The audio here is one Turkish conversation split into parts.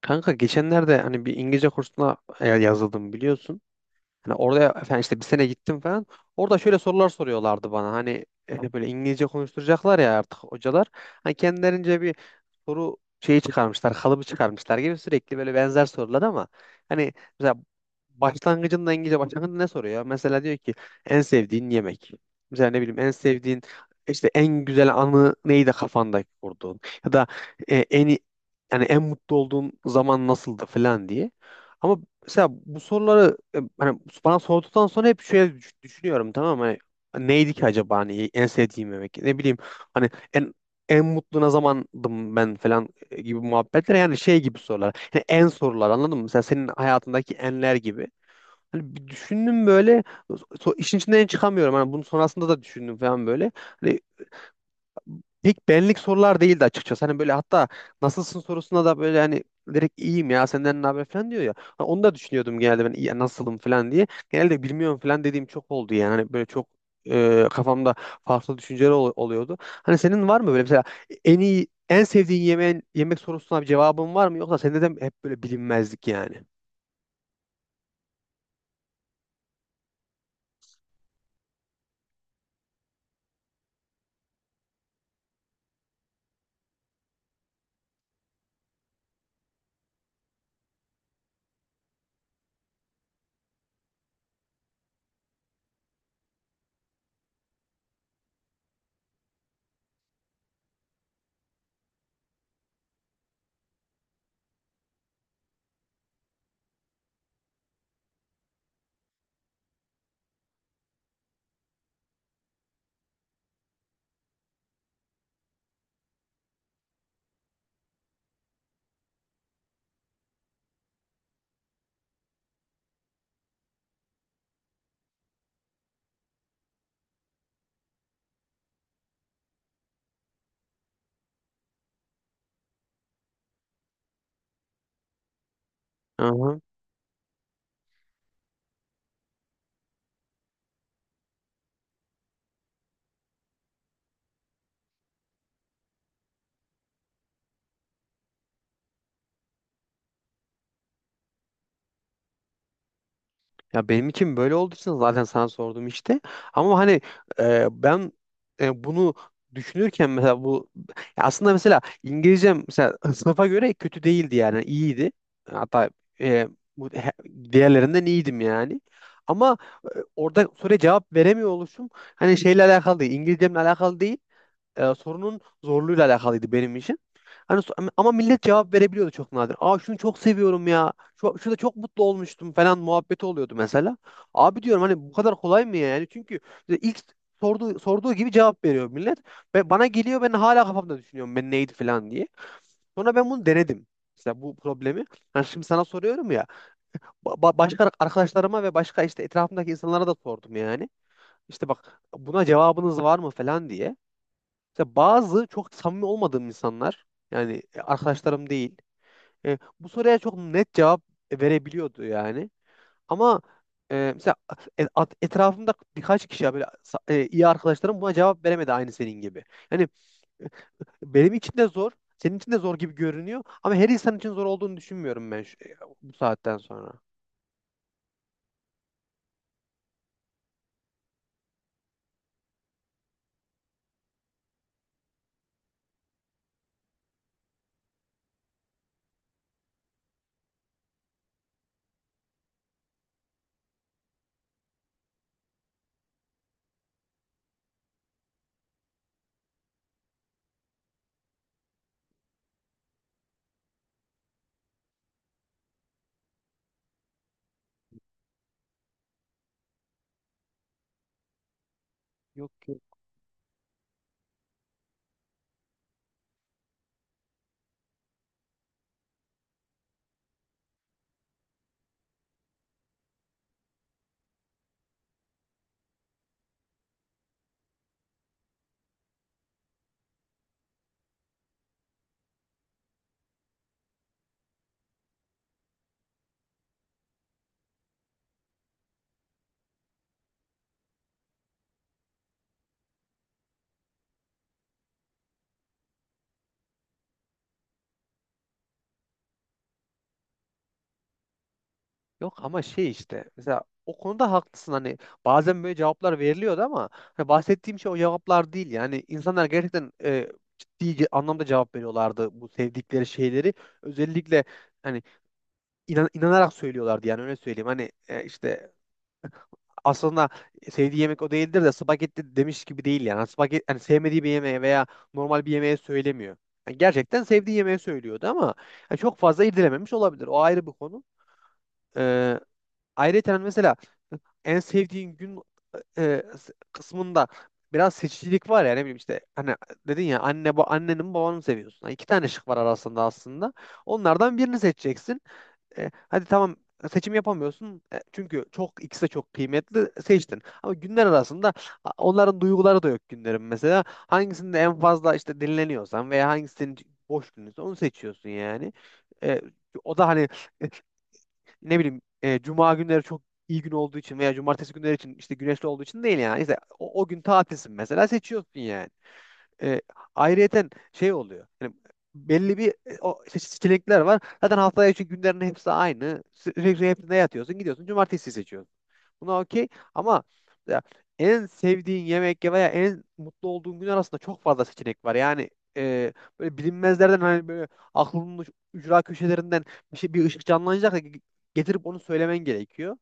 Kanka geçenlerde hani bir İngilizce kursuna yazıldım biliyorsun. Hani orada efendim işte bir sene gittim falan. Orada şöyle sorular soruyorlardı bana. Hani böyle İngilizce konuşturacaklar ya artık hocalar. Hani kendilerince bir soru şeyi çıkarmışlar, kalıbı çıkarmışlar gibi sürekli böyle benzer sorular ama hani mesela başlangıcında İngilizce başlangıcında ne soruyor? Mesela diyor ki en sevdiğin yemek. Mesela ne bileyim en sevdiğin işte en güzel anı neydi kafanda kurduğun ya da e, en i- yani en mutlu olduğun zaman nasıldı falan diye. Ama mesela bu soruları hani bana sorduktan sonra hep şöyle düşünüyorum, tamam mı? Hani neydi ki acaba hani en sevdiğim yemek? Ne bileyim hani en mutlu ne zamandım ben falan gibi muhabbetler, yani şey gibi sorular. Yani en sorular, anladın mı? Mesela senin hayatındaki enler gibi. Hani bir düşündüm böyle, işin içinden çıkamıyorum. Hani bunun sonrasında da düşündüm falan böyle. Hani İlk benlik sorular değildi açıkçası. Hani böyle hatta nasılsın sorusuna da böyle hani direkt iyiyim ya senden ne haber falan diyor ya. Ha, onu da düşünüyordum, genelde ben "İyi, ya nasılım" falan diye. Genelde bilmiyorum falan dediğim çok oldu yani. Hani böyle çok kafamda farklı düşünceler oluyordu. Hani senin var mı böyle mesela en iyi en sevdiğin yemeğin, yemek sorusuna bir cevabın var mı, yoksa sende de mi hep böyle bilinmezlik yani? Aha. Ya benim için böyle olduğu için zaten sana sordum işte. Ama hani ben bunu düşünürken mesela bu, ya aslında mesela İngilizcem mesela sınıfa göre kötü değildi, yani iyiydi. Hatta e, diğerlerinden iyiydim yani. Ama e, orada soruya cevap veremiyor oluşum, hani şeyle alakalı değil, İngilizcemle alakalı değil, sorunun zorluğuyla alakalıydı benim için. Hani ama millet cevap verebiliyordu, çok nadir. Aa, şunu çok seviyorum ya. Şu, şurada çok mutlu olmuştum falan muhabbeti oluyordu mesela. Abi diyorum, hani bu kadar kolay mı ya, yani? Çünkü ilk sorduğu gibi cevap veriyor millet. Ve bana geliyor, ben hala kafamda düşünüyorum ben neydi falan diye. Sonra ben bunu denedim. Mesela bu problemi. Yani şimdi sana soruyorum ya. Başka arkadaşlarıma ve başka işte etrafımdaki insanlara da sordum yani. İşte bak, buna cevabınız var mı falan diye. Mesela bazı çok samimi olmadığım insanlar, yani arkadaşlarım değil. Bu soruya çok net cevap verebiliyordu yani. Ama mesela etrafımda birkaç kişi, ya böyle iyi arkadaşlarım, buna cevap veremedi aynı senin gibi. Yani benim için de zor, senin için de zor gibi görünüyor, ama her insan için zor olduğunu düşünmüyorum ben bu saatten sonra. Yok. Yok ama şey, işte mesela o konuda haklısın. Hani bazen böyle cevaplar veriliyordu ama hani bahsettiğim şey o cevaplar değil. Yani insanlar gerçekten ciddi anlamda cevap veriyorlardı, bu sevdikleri şeyleri özellikle hani inanarak söylüyorlardı yani, öyle söyleyeyim. Hani işte aslında sevdiği yemek o değildir de spagetti demiş gibi değil yani. Spagetti hani sevmediği bir yemeğe veya normal bir yemeğe söylemiyor. Yani gerçekten sevdiği yemeği söylüyordu ama yani çok fazla irdelememiş olabilir, o ayrı bir konu. Ayrıca mesela en sevdiğin gün e, kısmında biraz seçicilik var ya. Ne bileyim işte hani dedin ya, anne, bu, anneni mi babanı mı seviyorsun? Yani iki tane şık var arasında aslında. Onlardan birini seçeceksin. E, hadi tamam, seçim yapamıyorsun. E, çünkü çok, ikisi de çok kıymetli, seçtin. Ama günler arasında onların duyguları da yok günlerin mesela. Hangisinde en fazla işte dinleniyorsan veya hangisinin boş gününse onu seçiyorsun yani. E, o da hani ne bileyim cuma günleri çok iyi gün olduğu için veya cumartesi günleri için işte güneşli olduğu için değil yani. İşte o gün tatilsin mesela, seçiyorsun yani. E, ayrıyeten şey oluyor. Yani belli bir o işte seçenekler var. Zaten haftaya için günlerin hepsi aynı. Sürekli hepsinde yatıyorsun, gidiyorsun, cumartesi seçiyorsun. Buna okey, ama ya en sevdiğin yemek ya veya en mutlu olduğun gün arasında çok fazla seçenek var. Yani e, böyle bilinmezlerden, hani böyle aklının ücra köşelerinden bir şey, bir ışık canlanacak da getirip onu söylemen gerekiyor.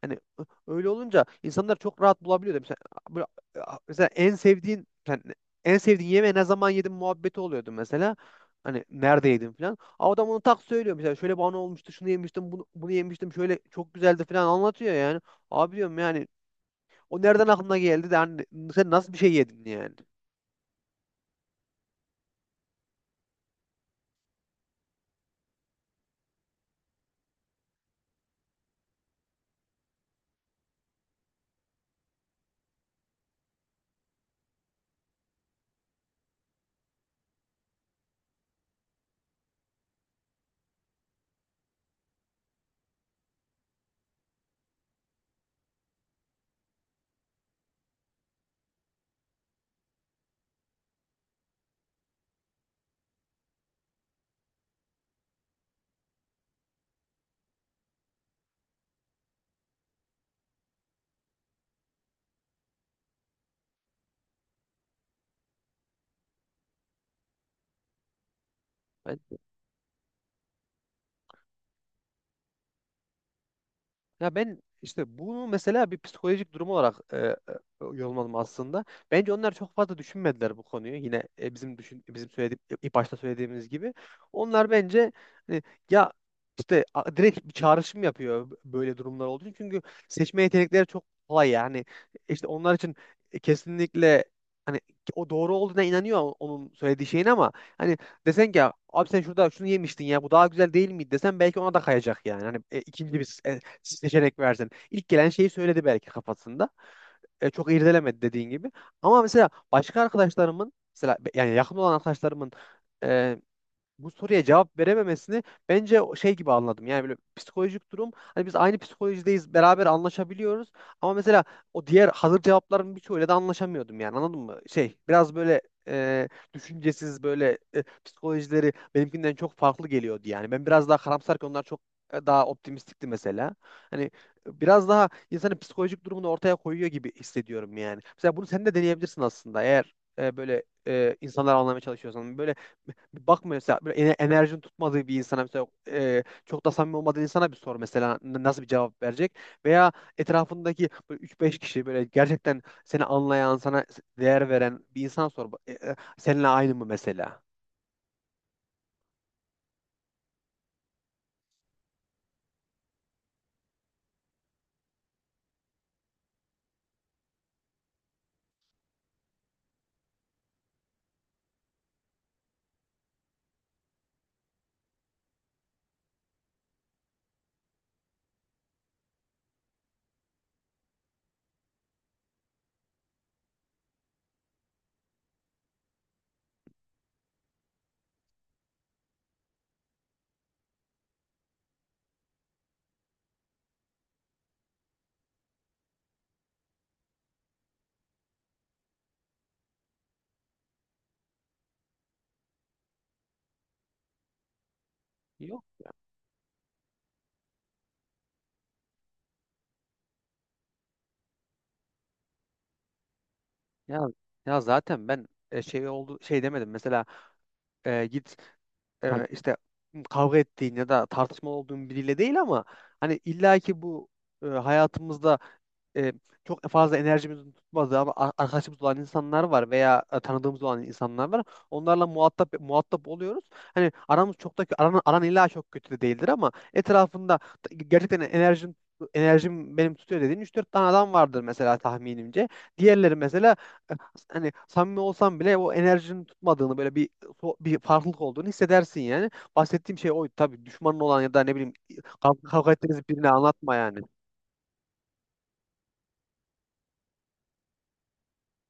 Hani öyle olunca insanlar çok rahat bulabiliyor da. Mesela böyle, mesela en sevdiğin yani en sevdiğin yemeği ne zaman yedin muhabbeti oluyordu mesela. Hani nerede yedin falan. Ama adam onu tak söylüyor mesela. Şöyle bana olmuştu, şunu yemiştim, bunu yemiştim, şöyle çok güzeldi falan anlatıyor yani. Abi diyorum yani, o nereden aklına geldi de hani sen nasıl bir şey yedin yani. Ya ben işte bunu mesela bir psikolojik durum olarak yorumladım aslında. Bence onlar çok fazla düşünmediler bu konuyu. Yine bizim söylediğim ilk başta söylediğimiz gibi. Onlar bence hani, ya işte direkt bir çağrışım yapıyor, böyle durumlar olduğu için. Çünkü seçme yetenekleri çok kolay yani. İşte onlar için kesinlikle hani o doğru olduğuna inanıyor, onun söylediği şeyin. Ama hani desen ki, abi sen şurada şunu yemiştin ya, bu daha güzel değil miydi desen, belki ona da kayacak yani. Hani ikinci bir seçenek versin. İlk gelen şeyi söyledi belki kafasında. E, çok irdelemedi dediğin gibi. Ama mesela başka arkadaşlarımın mesela yani yakın olan arkadaşlarımın e, bu soruya cevap verememesini bence o şey gibi anladım. Yani böyle psikolojik durum, hani biz aynı psikolojideyiz, beraber anlaşabiliyoruz ama mesela o diğer hazır cevapların birçoğuyla da anlaşamıyordum yani, anladın mı? Şey biraz böyle e, düşüncesiz, böyle psikolojileri benimkinden çok farklı geliyordu yani. Ben biraz daha karamsarken onlar çok daha optimistikti mesela. Hani biraz daha insanın psikolojik durumunu ortaya koyuyor gibi hissediyorum yani. Mesela bunu sen de deneyebilirsin aslında, eğer böyle insanları anlamaya çalışıyorsan. Böyle bir bakma mesela, böyle enerjin tutmadığı bir insana, mesela çok da samimi olmadığı insana bir sor mesela, nasıl bir cevap verecek, veya etrafındaki böyle 3-5 kişi, böyle gerçekten seni anlayan, sana değer veren bir insana sor, seninle aynı mı mesela? Yok ya. Ya, ya zaten ben şey oldu, şey demedim mesela, e, git hani işte kavga ettiğin ya da tartışmalı olduğun biriyle değil, ama hani illaki bu hayatımızda e, çok fazla enerjimizin tutmadığı ama arkadaşımız olan insanlar var, veya tanıdığımız olan insanlar var. Onlarla muhatap oluyoruz. Hani aramız çok da aran illa çok kötü de değildir, ama etrafında gerçekten enerjim benim tutuyor dediğin üç dört tane adam vardır mesela, tahminimce. Diğerleri mesela e, hani samimi olsam bile o enerjinin tutmadığını, böyle bir bir farklılık olduğunu hissedersin yani. Bahsettiğim şey oydu. Tabii düşmanın olan ya da ne bileyim kavga ettiğiniz birine anlatma yani.